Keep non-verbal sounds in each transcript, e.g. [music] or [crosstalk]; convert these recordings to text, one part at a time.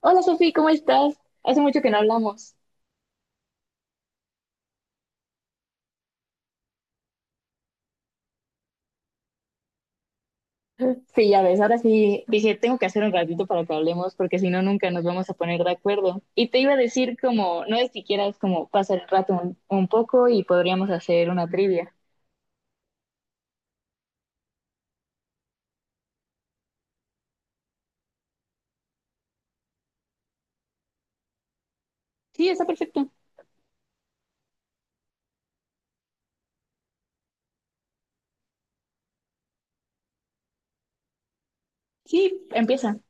Hola Sofi, ¿cómo estás? Hace mucho que no hablamos. Sí, ya ves, ahora sí dije, tengo que hacer un ratito para que hablemos porque si no, nunca nos vamos a poner de acuerdo. Y te iba a decir como, no es si quieras como pasar el rato un poco y podríamos hacer una trivia. Sí, está perfecto. Sí, empieza.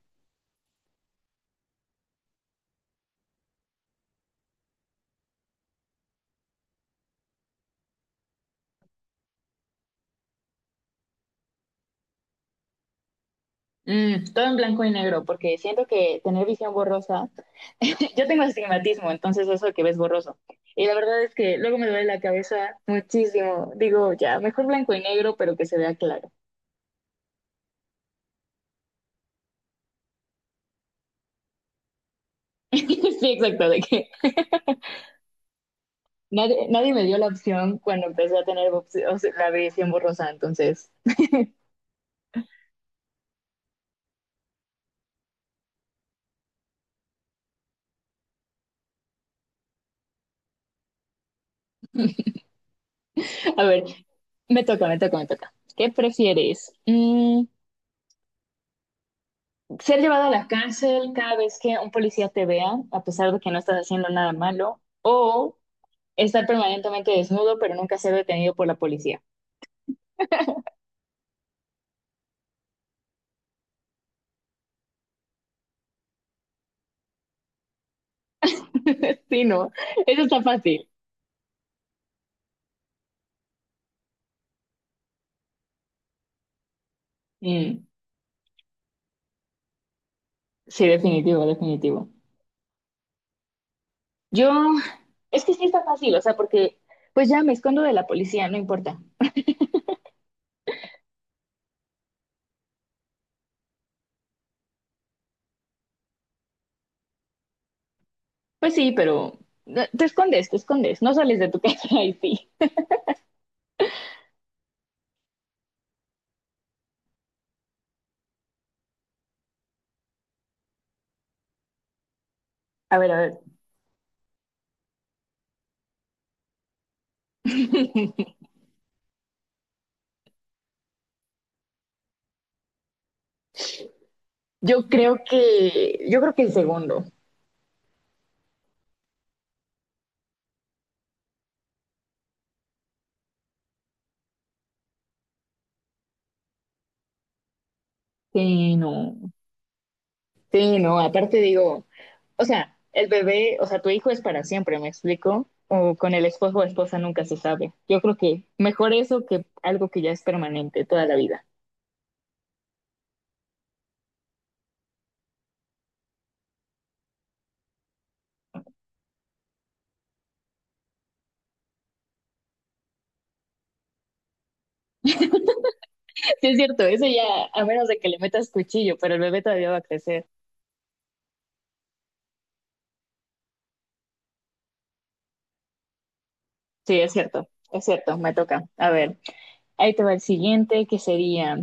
Mm, todo en blanco y negro porque siento que tener visión borrosa, [laughs] yo tengo astigmatismo, entonces eso que ves borroso. Y la verdad es que luego me duele la cabeza muchísimo. Digo, ya, mejor blanco y negro, pero que se vea claro. [laughs] Sí, exacto, de que nadie, nadie me dio la opción cuando empecé a tener o sea, la visión borrosa, entonces, a ver, me toca, me toca, me toca. ¿Qué prefieres? Mm, ¿ser llevado a la cárcel cada vez que un policía te vea, a pesar de que no estás haciendo nada malo? ¿O estar permanentemente desnudo, pero nunca ser detenido por la policía? [laughs] Sí, no, eso está fácil. Mm, sí, definitivo, definitivo. Yo, es que sí está fácil, o sea, porque pues ya me escondo de la policía, no importa. Pues sí, pero te escondes, no sales de tu casa [laughs] y sí. A ver, a ver. [laughs] Yo creo que el segundo. Sí, no. Sí, no. Aparte digo, o sea, el bebé, o sea, tu hijo es para siempre, ¿me explico? O con el esposo o esposa nunca se sabe. Yo creo que mejor eso que algo que ya es permanente toda la vida. [laughs] Sí, es cierto, eso ya, a menos de que le metas cuchillo, pero el bebé todavía va a crecer. Sí, es cierto, me toca. A ver, ahí te va el siguiente, que sería,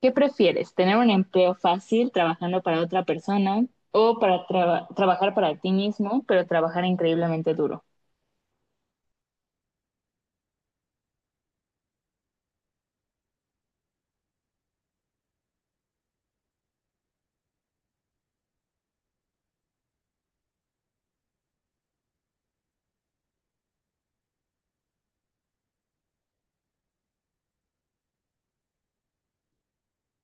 ¿qué prefieres? ¿Tener un empleo fácil trabajando para otra persona o para trabajar para ti mismo, pero trabajar increíblemente duro?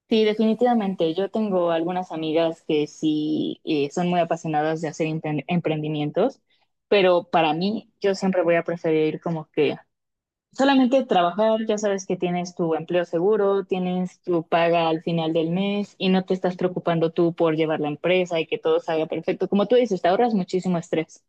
Sí, definitivamente. Yo tengo algunas amigas que sí son muy apasionadas de hacer emprendimientos, pero para mí yo siempre voy a preferir como que solamente trabajar, ya sabes que tienes tu empleo seguro, tienes tu paga al final del mes y no te estás preocupando tú por llevar la empresa y que todo salga perfecto. Como tú dices, te ahorras muchísimo estrés.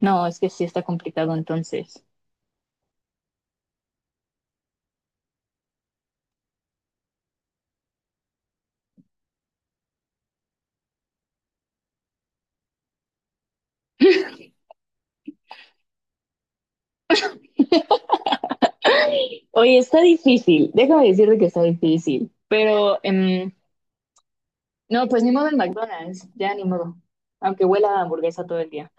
No, es que sí está complicado entonces. [gasps] ¡Ay! Oye, está difícil. Déjame decirte que está difícil. Pero no, pues ni modo en McDonald's, ya ni modo. Aunque huela a hamburguesa todo el día.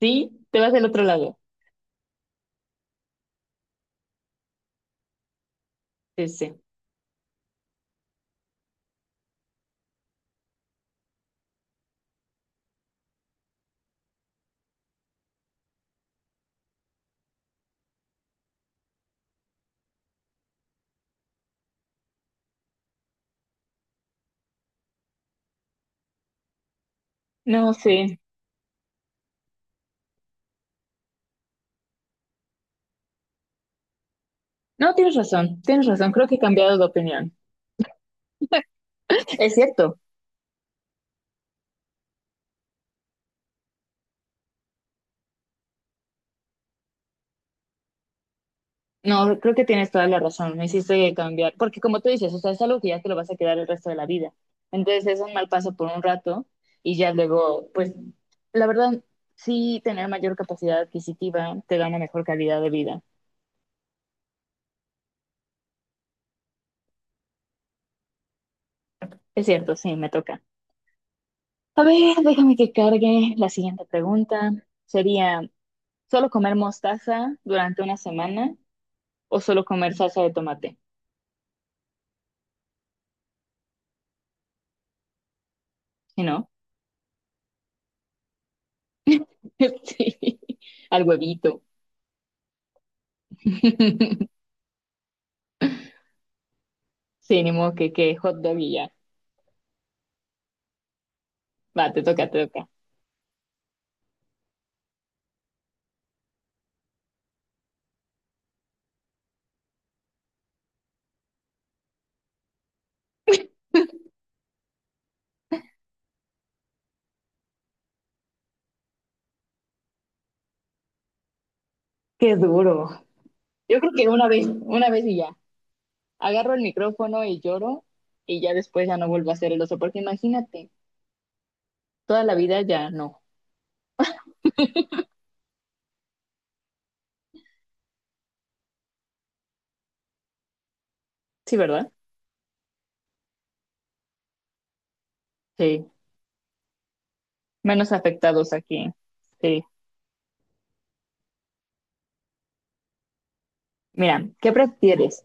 Sí, te vas del otro lado. Sí, sí. No sé. No, tienes razón, tienes razón. Creo que he cambiado de opinión. Es cierto. No, creo que tienes toda la razón, me hiciste cambiar, porque como tú dices, o sea, es algo que ya te lo vas a quedar el resto de la vida. Entonces es un mal paso por un rato y ya luego, pues, la verdad, sí, tener mayor capacidad adquisitiva te da una mejor calidad de vida. Es cierto, sí, me toca. A ver, déjame que cargue la siguiente pregunta. Sería, ¿solo comer mostaza durante una semana o solo comer salsa de tomate? Si no, [laughs] sí, al huevito. [laughs] Sí, ni modo que hot dog y ya. Va, te toca, te toca. Qué duro. Yo creo que una vez y ya. Agarro el micrófono y lloro y ya después ya no vuelvo a ser el oso, porque imagínate, toda la vida ya no. Sí, ¿verdad? Sí. Menos afectados aquí. Sí. Mira, ¿qué prefieres?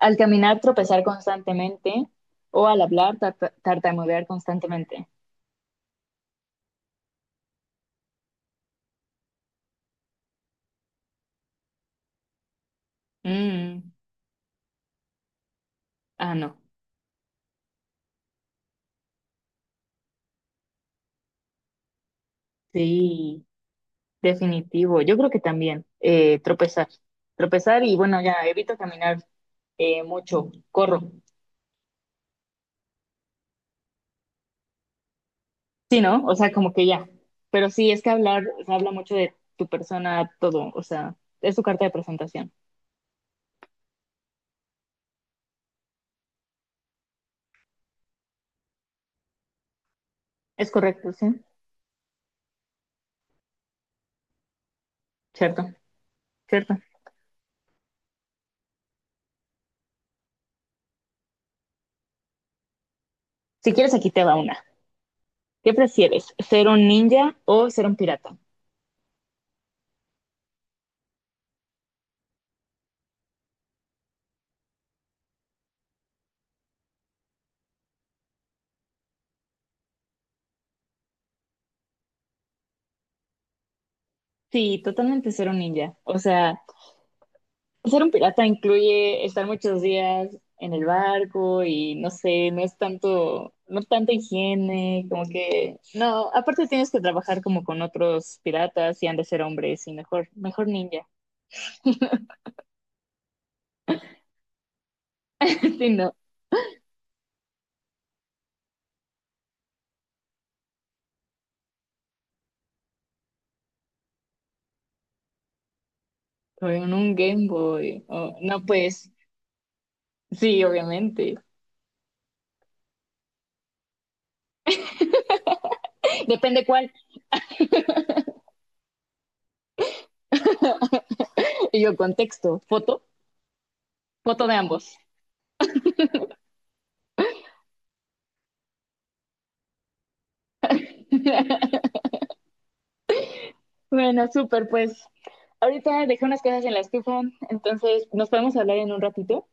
¿Al caminar tropezar constantemente o al hablar tartamudear constantemente? Mm, ah, no. Sí, definitivo. Yo creo que también tropezar. Tropezar y bueno, ya evito caminar mucho, corro. Sí, ¿no? O sea, como que ya. Pero sí, es que hablar, o sea, habla mucho de tu persona, todo. O sea, es tu carta de presentación. Es correcto, sí. Cierto, cierto. Si quieres, aquí te va una. ¿Qué prefieres? ¿Ser un ninja o ser un pirata? Sí, totalmente ser un ninja. O sea, ser un pirata incluye estar muchos días en el barco y no sé, no es tanto, no tanta higiene, como que, no, aparte tienes que trabajar como con otros piratas y han de ser hombres y mejor, mejor ninja, [laughs] sí, no, o un Game Boy, o- no, pues, sí, obviamente, depende cuál, [laughs] y yo contexto, foto, foto de ambos. [laughs] Bueno, súper, pues, ahorita dejé unas cosas en la estufa, entonces, ¿nos podemos hablar en un ratito?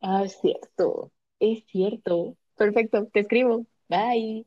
Ah, es cierto, es cierto. Perfecto, te escribo. Bye.